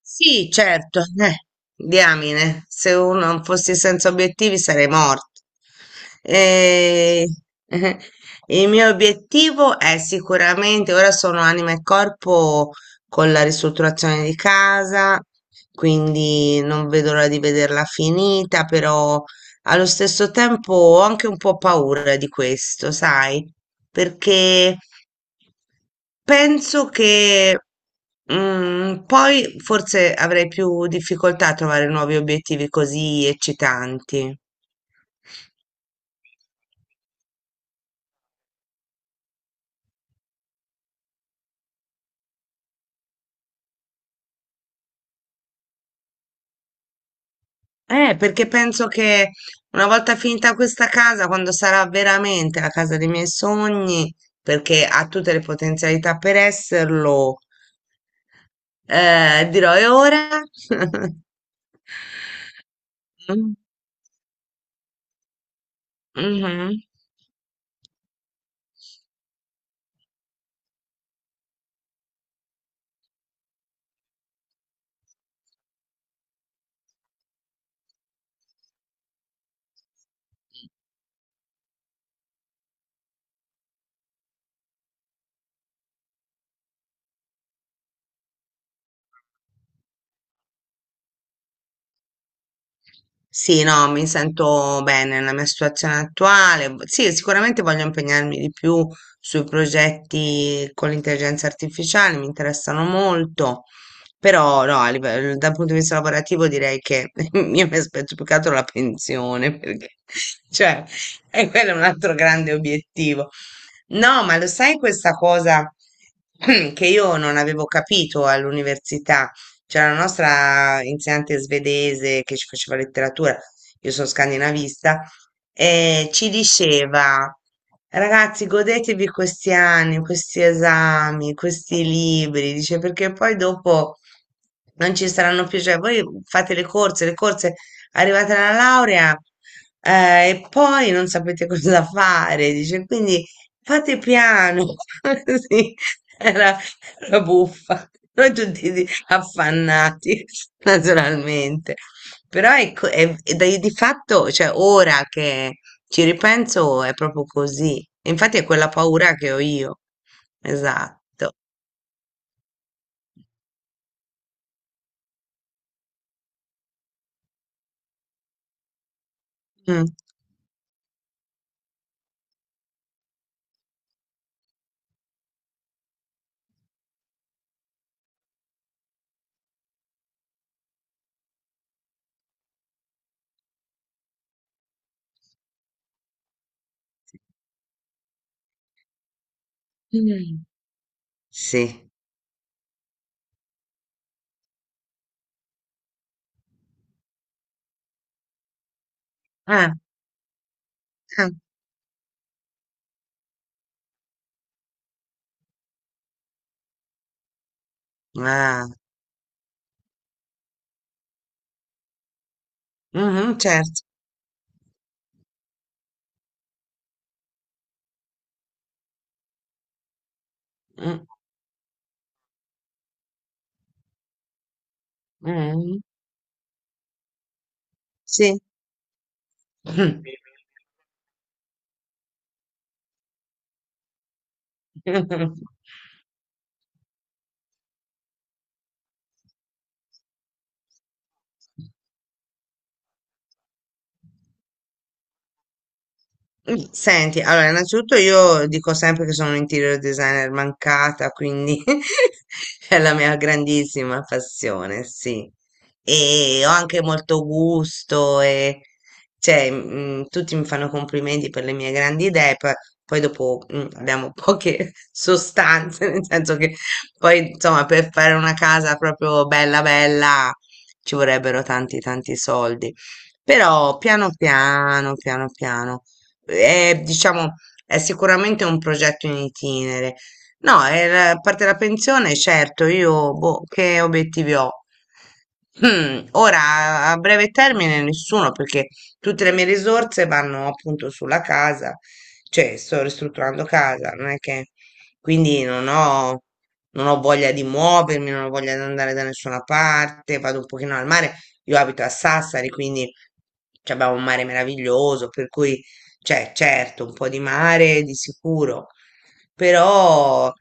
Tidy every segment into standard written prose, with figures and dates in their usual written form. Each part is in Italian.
Sì, certo, diamine, se uno non fossi senza obiettivi sarei morto. Eh, eh, il mio obiettivo è sicuramente, ora sono anima e corpo con la ristrutturazione di casa, quindi non vedo l'ora di vederla finita, però allo stesso tempo ho anche un po' paura di questo, sai? Perché penso che poi forse avrei più difficoltà a trovare nuovi obiettivi così eccitanti. Perché penso che una volta finita questa casa, quando sarà veramente la casa dei miei sogni, perché ha tutte le potenzialità per esserlo, dirò, e ora? Mm, mhm. Sì, no, mi sento bene nella mia situazione attuale. Sì, sicuramente voglio impegnarmi di più sui progetti con l'intelligenza artificiale, mi interessano molto, però no, dal punto di vista lavorativo direi che io mi aspetto più che altro la pensione, perché cioè, e quello è un altro grande obiettivo. No, ma lo sai questa cosa che io non avevo capito all'università? C'era la nostra insegnante svedese che ci faceva letteratura, io sono scandinavista, e ci diceva, ragazzi, godetevi questi anni, questi esami, questi libri, dice, perché poi dopo non ci saranno più, cioè voi fate le corse, arrivate alla laurea, e poi non sapete cosa fare, dice, quindi fate piano, sì, era, era buffa. Noi tutti affannati naturalmente. Però ecco, di fatto, cioè ora che ci ripenso è proprio così. Infatti è quella paura che ho io. Esatto. Mm. Mm. Sì. Ah, ah. Ah. Mhm, certo. Mm, mm, sì. Mm. Mm, senti, allora, innanzitutto io dico sempre che sono un interior designer mancata, quindi è la mia grandissima passione, sì. E ho anche molto gusto e cioè, tutti mi fanno complimenti per le mie grandi idee, poi, poi dopo abbiamo poche sostanze, nel senso che poi, insomma, per fare una casa proprio bella bella ci vorrebbero tanti tanti soldi. Però piano piano, piano piano è, diciamo, è sicuramente un progetto in itinere. No, a parte la pensione, certo, io boh, che obiettivi ho? Hmm, ora, a breve termine nessuno, perché tutte le mie risorse vanno appunto sulla casa, cioè sto ristrutturando casa, non è che quindi non ho, non ho voglia di muovermi, non ho voglia di andare da nessuna parte, vado un pochino al mare, io abito a Sassari, quindi cioè, abbiamo un mare meraviglioso, per cui cioè, certo, un po' di mare di sicuro, però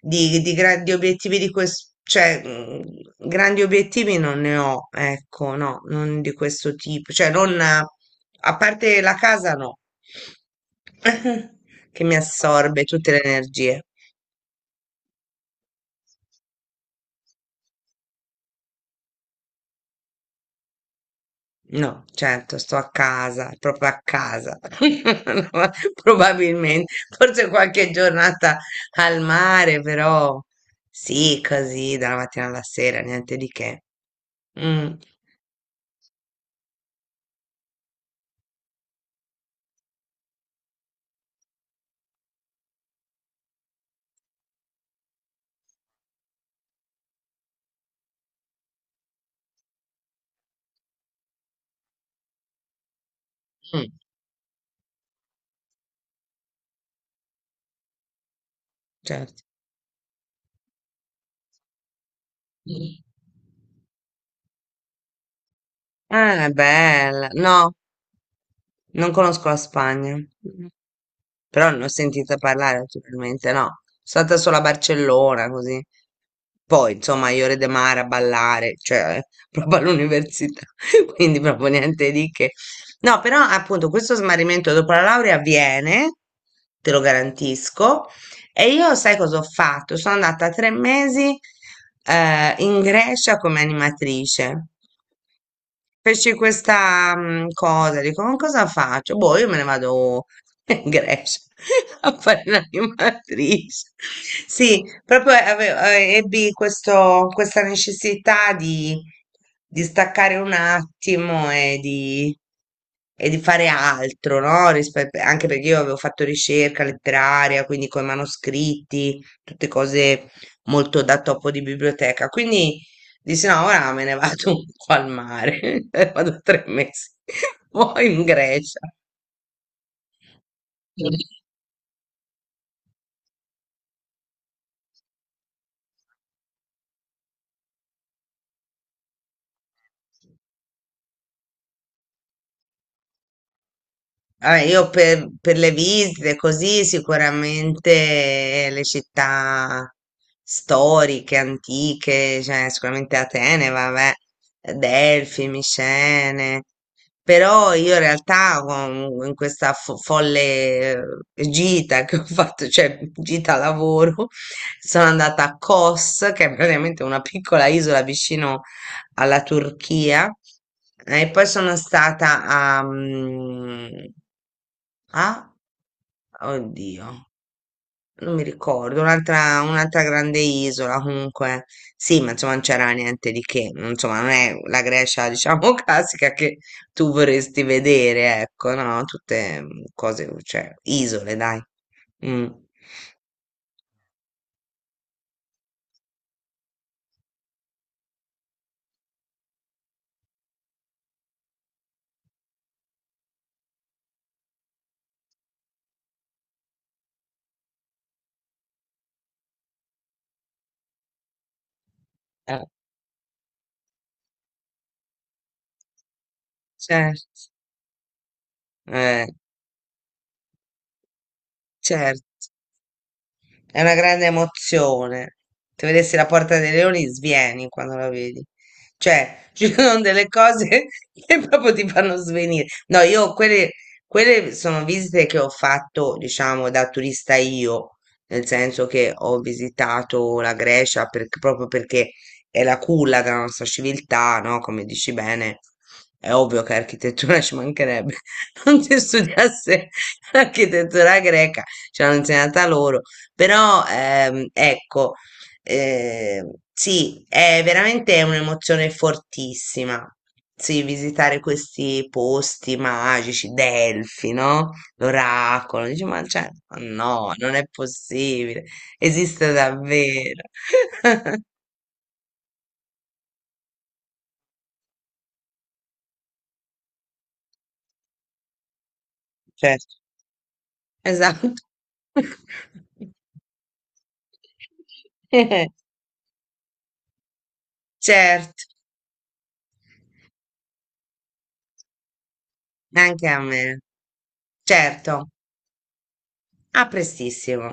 di grandi obiettivi di questo, cioè, grandi obiettivi non ne ho, ecco, no, non di questo tipo, cioè, non, a parte la casa, no, che mi assorbe tutte le energie. No, certo, sto a casa, proprio a casa. Probabilmente, forse qualche giornata al mare, però sì, così, dalla mattina alla sera, niente di che. Mm, mm, certo. Mm. Ah, è bella. No, non conosco la Spagna. Però non ne ho sentita parlare naturalmente, no. Sono stata solo a Barcellona, così. Poi, insomma, a Iore de Mar a ballare, cioè, proprio all'università, quindi proprio niente di che. No, però appunto questo smarrimento dopo la laurea avviene, te lo garantisco, e io sai cosa ho fatto? Sono andata 3 mesi in Grecia come animatrice. Feci questa cosa, dico, ma cosa faccio? Boh, io me ne vado in Grecia a fare l'animatrice. Sì, proprio avevo, ebbi questa necessità di staccare un attimo e di fare altro, no? Rispetto, anche perché io avevo fatto ricerca letteraria, quindi con i manoscritti, tutte cose molto da topo di biblioteca. Quindi dici no, ora me ne vado un po' al mare, vado 3 mesi, poi in Grecia. Vabbè, io per le visite, così sicuramente le città storiche, antiche, cioè sicuramente Atene, vabbè, Delfi, Micene, però io in realtà in questa folle gita che ho fatto, cioè gita lavoro, sono andata a Kos, che è praticamente una piccola isola vicino alla Turchia, e poi sono stata a... mm, ah, oddio, non mi ricordo, un'altra grande isola comunque. Sì, ma insomma non c'era niente di che, insomma non è la Grecia, diciamo, classica che tu vorresti vedere, ecco, no? Tutte cose, cioè, isole, dai. Mm. Eh, certo, eh, certo. È una grande emozione. Se vedessi la Porta dei Leoni, svieni quando la vedi. Cioè, ci sono delle cose che proprio ti fanno svenire. No, io quelle, quelle sono visite che ho fatto, diciamo, da turista io, nel senso che ho visitato la Grecia proprio perché è la culla della nostra civiltà, no? Come dici bene, è ovvio che architettura ci mancherebbe. Non si studiasse l'architettura greca, ce l'hanno insegnata loro però ecco, eh, sì, è veramente un'emozione fortissima. Sì, visitare questi posti magici, Delfi, no? L'oracolo, dici, ma cioè, ma no, non è possibile, esiste davvero. Certo. Esatto. Certo, anche a me. Certo, a prestissimo.